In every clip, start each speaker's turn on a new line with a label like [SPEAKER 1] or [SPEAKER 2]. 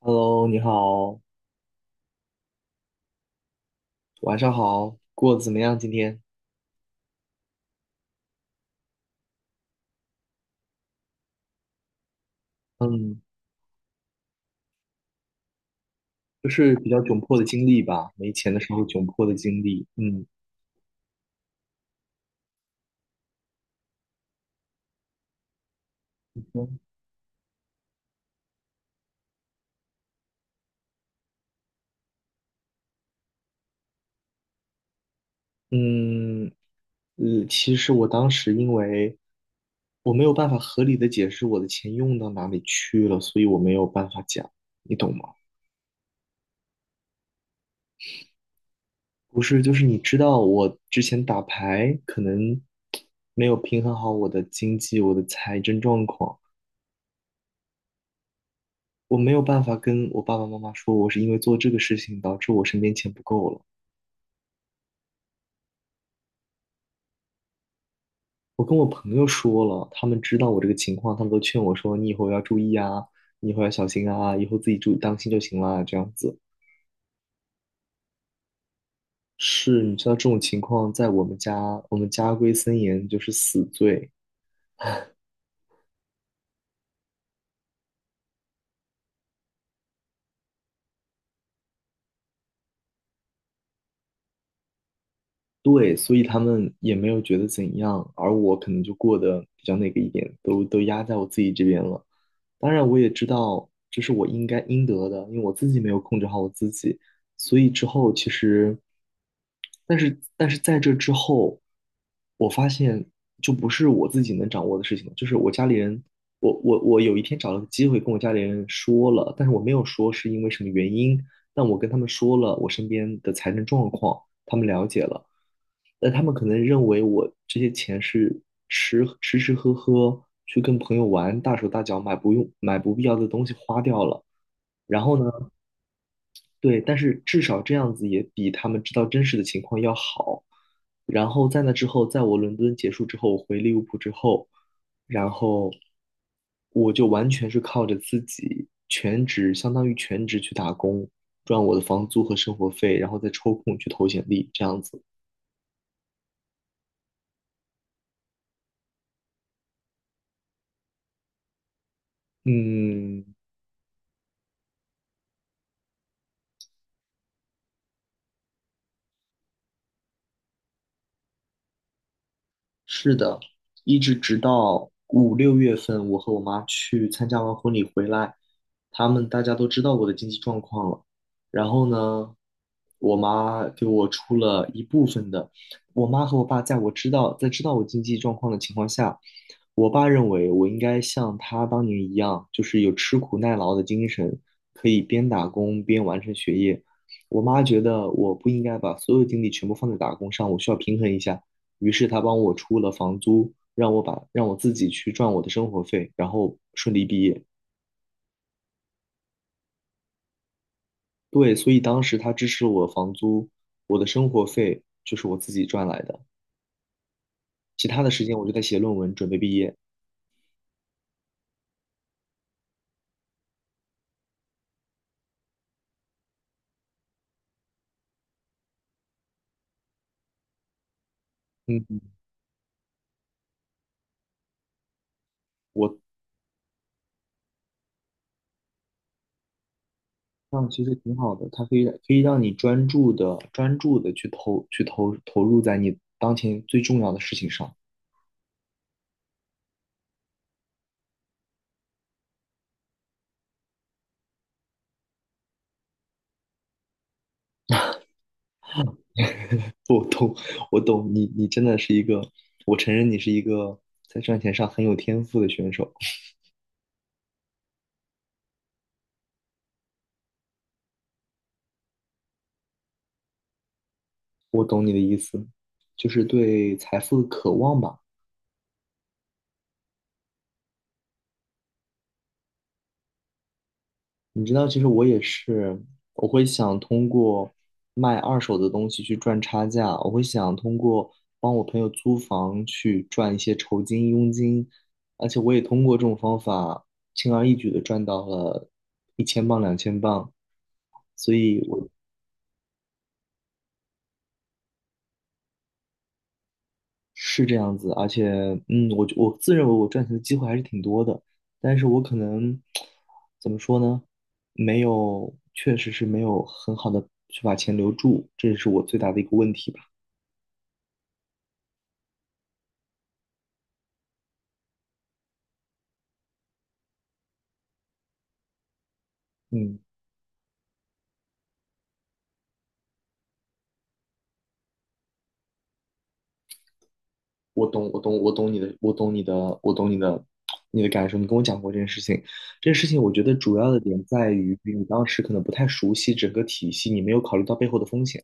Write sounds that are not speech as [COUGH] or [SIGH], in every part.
[SPEAKER 1] Hello，你好，晚上好，过得怎么样？今天，嗯，就是比较窘迫的经历吧，没钱的时候窘迫的经历。嗯嗯其实我当时因为我没有办法合理的解释我的钱用到哪里去了，所以我没有办法讲，你懂吗？不是，就是你知道我之前打牌可能没有平衡好我的经济，我的财政状况。我没有办法跟我爸爸妈妈说，我是因为做这个事情导致我身边钱不够了。我跟我朋友说了，他们知道我这个情况，他们都劝我说：“你以后要注意啊，你以后要小心啊，以后自己注意当心就行了。”这样子是，你知道这种情况在我们家，我们家规森严，就是死罪。对，所以他们也没有觉得怎样，而我可能就过得比较那个一点，都压在我自己这边了。当然，我也知道这是我应该应得的，因为我自己没有控制好我自己，所以之后其实，但是在这之后，我发现就不是我自己能掌握的事情了，就是我家里人，我有一天找了个机会跟我家里人说了，但是我没有说是因为什么原因，但我跟他们说了我身边的财政状况，他们了解了。那他们可能认为我这些钱是吃吃喝喝，去跟朋友玩，大手大脚买不用买不必要的东西花掉了。然后呢，对，但是至少这样子也比他们知道真实的情况要好。然后在那之后，在我伦敦结束之后，我回利物浦之后，然后我就完全是靠着自己全职，相当于全职去打工，赚我的房租和生活费，然后再抽空去投简历，这样子。嗯，是的，一直直到五六月份，我和我妈去参加完婚礼回来，他们大家都知道我的经济状况了。然后呢，我妈给我出了一部分的。我妈和我爸在知道我经济状况的情况下，我爸认为我应该像他当年一样，就是有吃苦耐劳的精神，可以边打工边完成学业。我妈觉得我不应该把所有精力全部放在打工上，我需要平衡一下。于是他帮我出了房租，让我自己去赚我的生活费，然后顺利毕业。对，所以当时他支持我房租，我的生活费就是我自己赚来的，其他的时间我就在写论文，准备毕业。嗯，我这样其实挺好的，它可以让你专注的去投去投投入在你当前最重要的事情上。我懂，我懂你，你真的是一个，我承认你是一个在赚钱上很有天赋的选手。我懂你的意思，就是对财富的渴望吧。你知道，其实我也是，我会想通过卖二手的东西去赚差价，我会想通过帮我朋友租房去赚一些酬金、佣金，而且我也通过这种方法轻而易举的赚到了1000磅、2000磅。所以我是这样子，而且，我自认为我赚钱的机会还是挺多的，但是我可能怎么说呢？没有，确实是没有很好的去把钱留住，这是我最大的一个问题吧。嗯，我懂，我懂，我懂你的，我懂你的，我懂你的，你的感受。你跟我讲过这件事情，这件事情我觉得主要的点在于你当时可能不太熟悉整个体系，你没有考虑到背后的风险。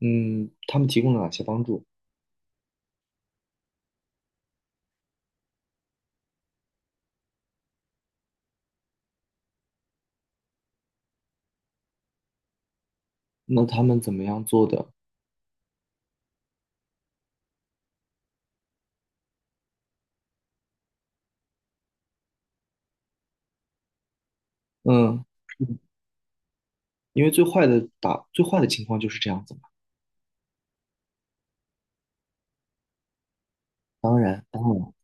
[SPEAKER 1] 嗯，他们提供了哪些帮助？那他们怎么样做的？嗯。因为最坏的情况就是这样子嘛。当然，当然，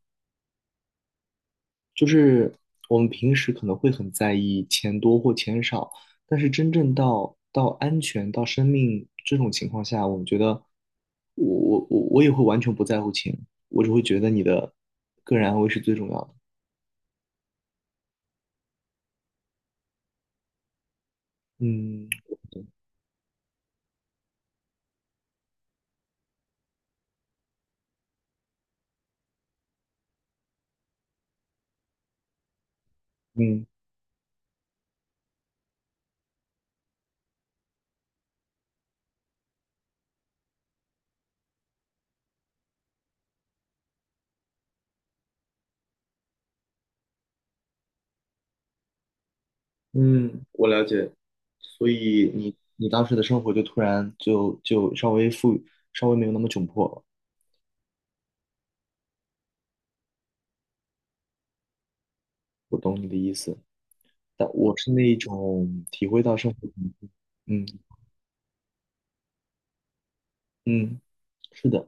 [SPEAKER 1] 就是我们平时可能会很在意钱多或钱少，但是真正到安全到生命这种情况下，我们觉得我我也会完全不在乎钱，我只会觉得你的个人安危是最重要的。嗯嗯嗯，我了解。所以你你当时的生活就突然就稍微富裕，稍微没有那么窘迫了。我懂你的意思。但我是那一种体会到生活中，嗯嗯，是的，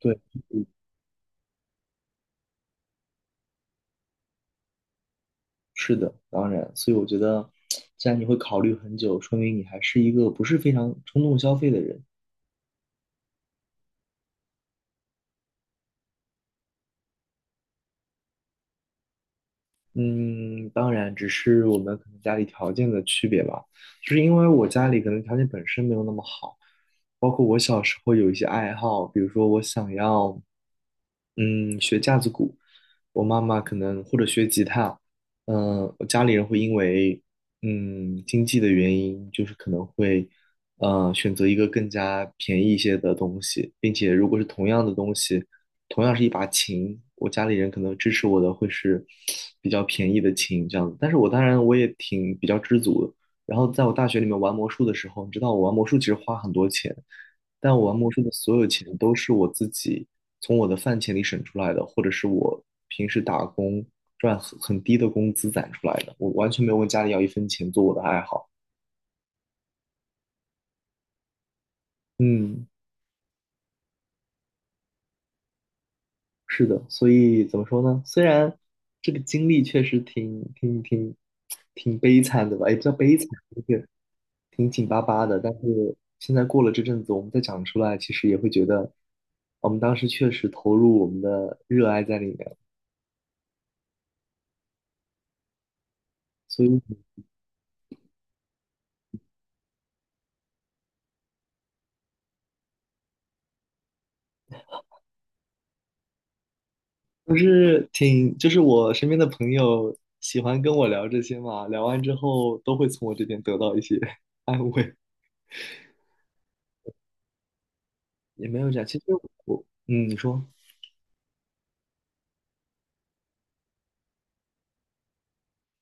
[SPEAKER 1] 对，嗯是的，当然，所以我觉得，既然你会考虑很久，说明你还是一个不是非常冲动消费的人。嗯，当然，只是我们可能家里条件的区别吧。就是因为我家里可能条件本身没有那么好，包括我小时候有一些爱好，比如说我想要，嗯，学架子鼓，我妈妈可能或者学吉他，我家里人会因为经济的原因，就是可能会选择一个更加便宜一些的东西，并且如果是同样的东西。同样是一把琴，我家里人可能支持我的会是比较便宜的琴这样子，但是我当然我也挺比较知足的。然后在我大学里面玩魔术的时候，你知道我玩魔术其实花很多钱，但我玩魔术的所有钱都是我自己从我的饭钱里省出来的，或者是我平时打工赚很低的工资攒出来的，我完全没有问家里要一分钱做我的爱好。嗯，是的，所以怎么说呢？虽然这个经历确实挺悲惨的吧，也不叫悲惨，就是挺紧巴巴的。但是现在过了这阵子，我们再讲出来，其实也会觉得我们当时确实投入我们的热爱在里面，所以就是挺，就是我身边的朋友喜欢跟我聊这些嘛，聊完之后都会从我这边得到一些 [LAUGHS] 安慰，也没有这样。其实我，你说。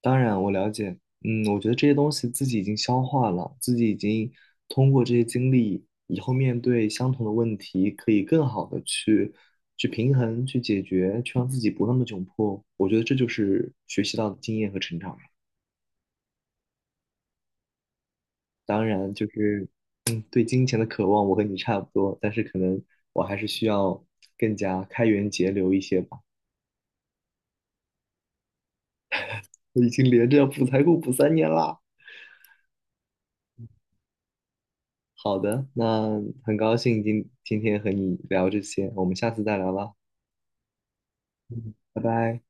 [SPEAKER 1] 当然，我了解。嗯，我觉得这些东西自己已经消化了，自己已经通过这些经历，以后面对相同的问题，可以更好的去去平衡、去解决，去让自己不那么窘迫。我觉得这就是学习到的经验和成长。当然，就是对金钱的渴望，我和你差不多，但是可能我还是需要更加开源节流一些吧。我已经连着要补财库补3年啦。好的，那很高兴今天和你聊这些，我们下次再聊了，嗯，拜拜。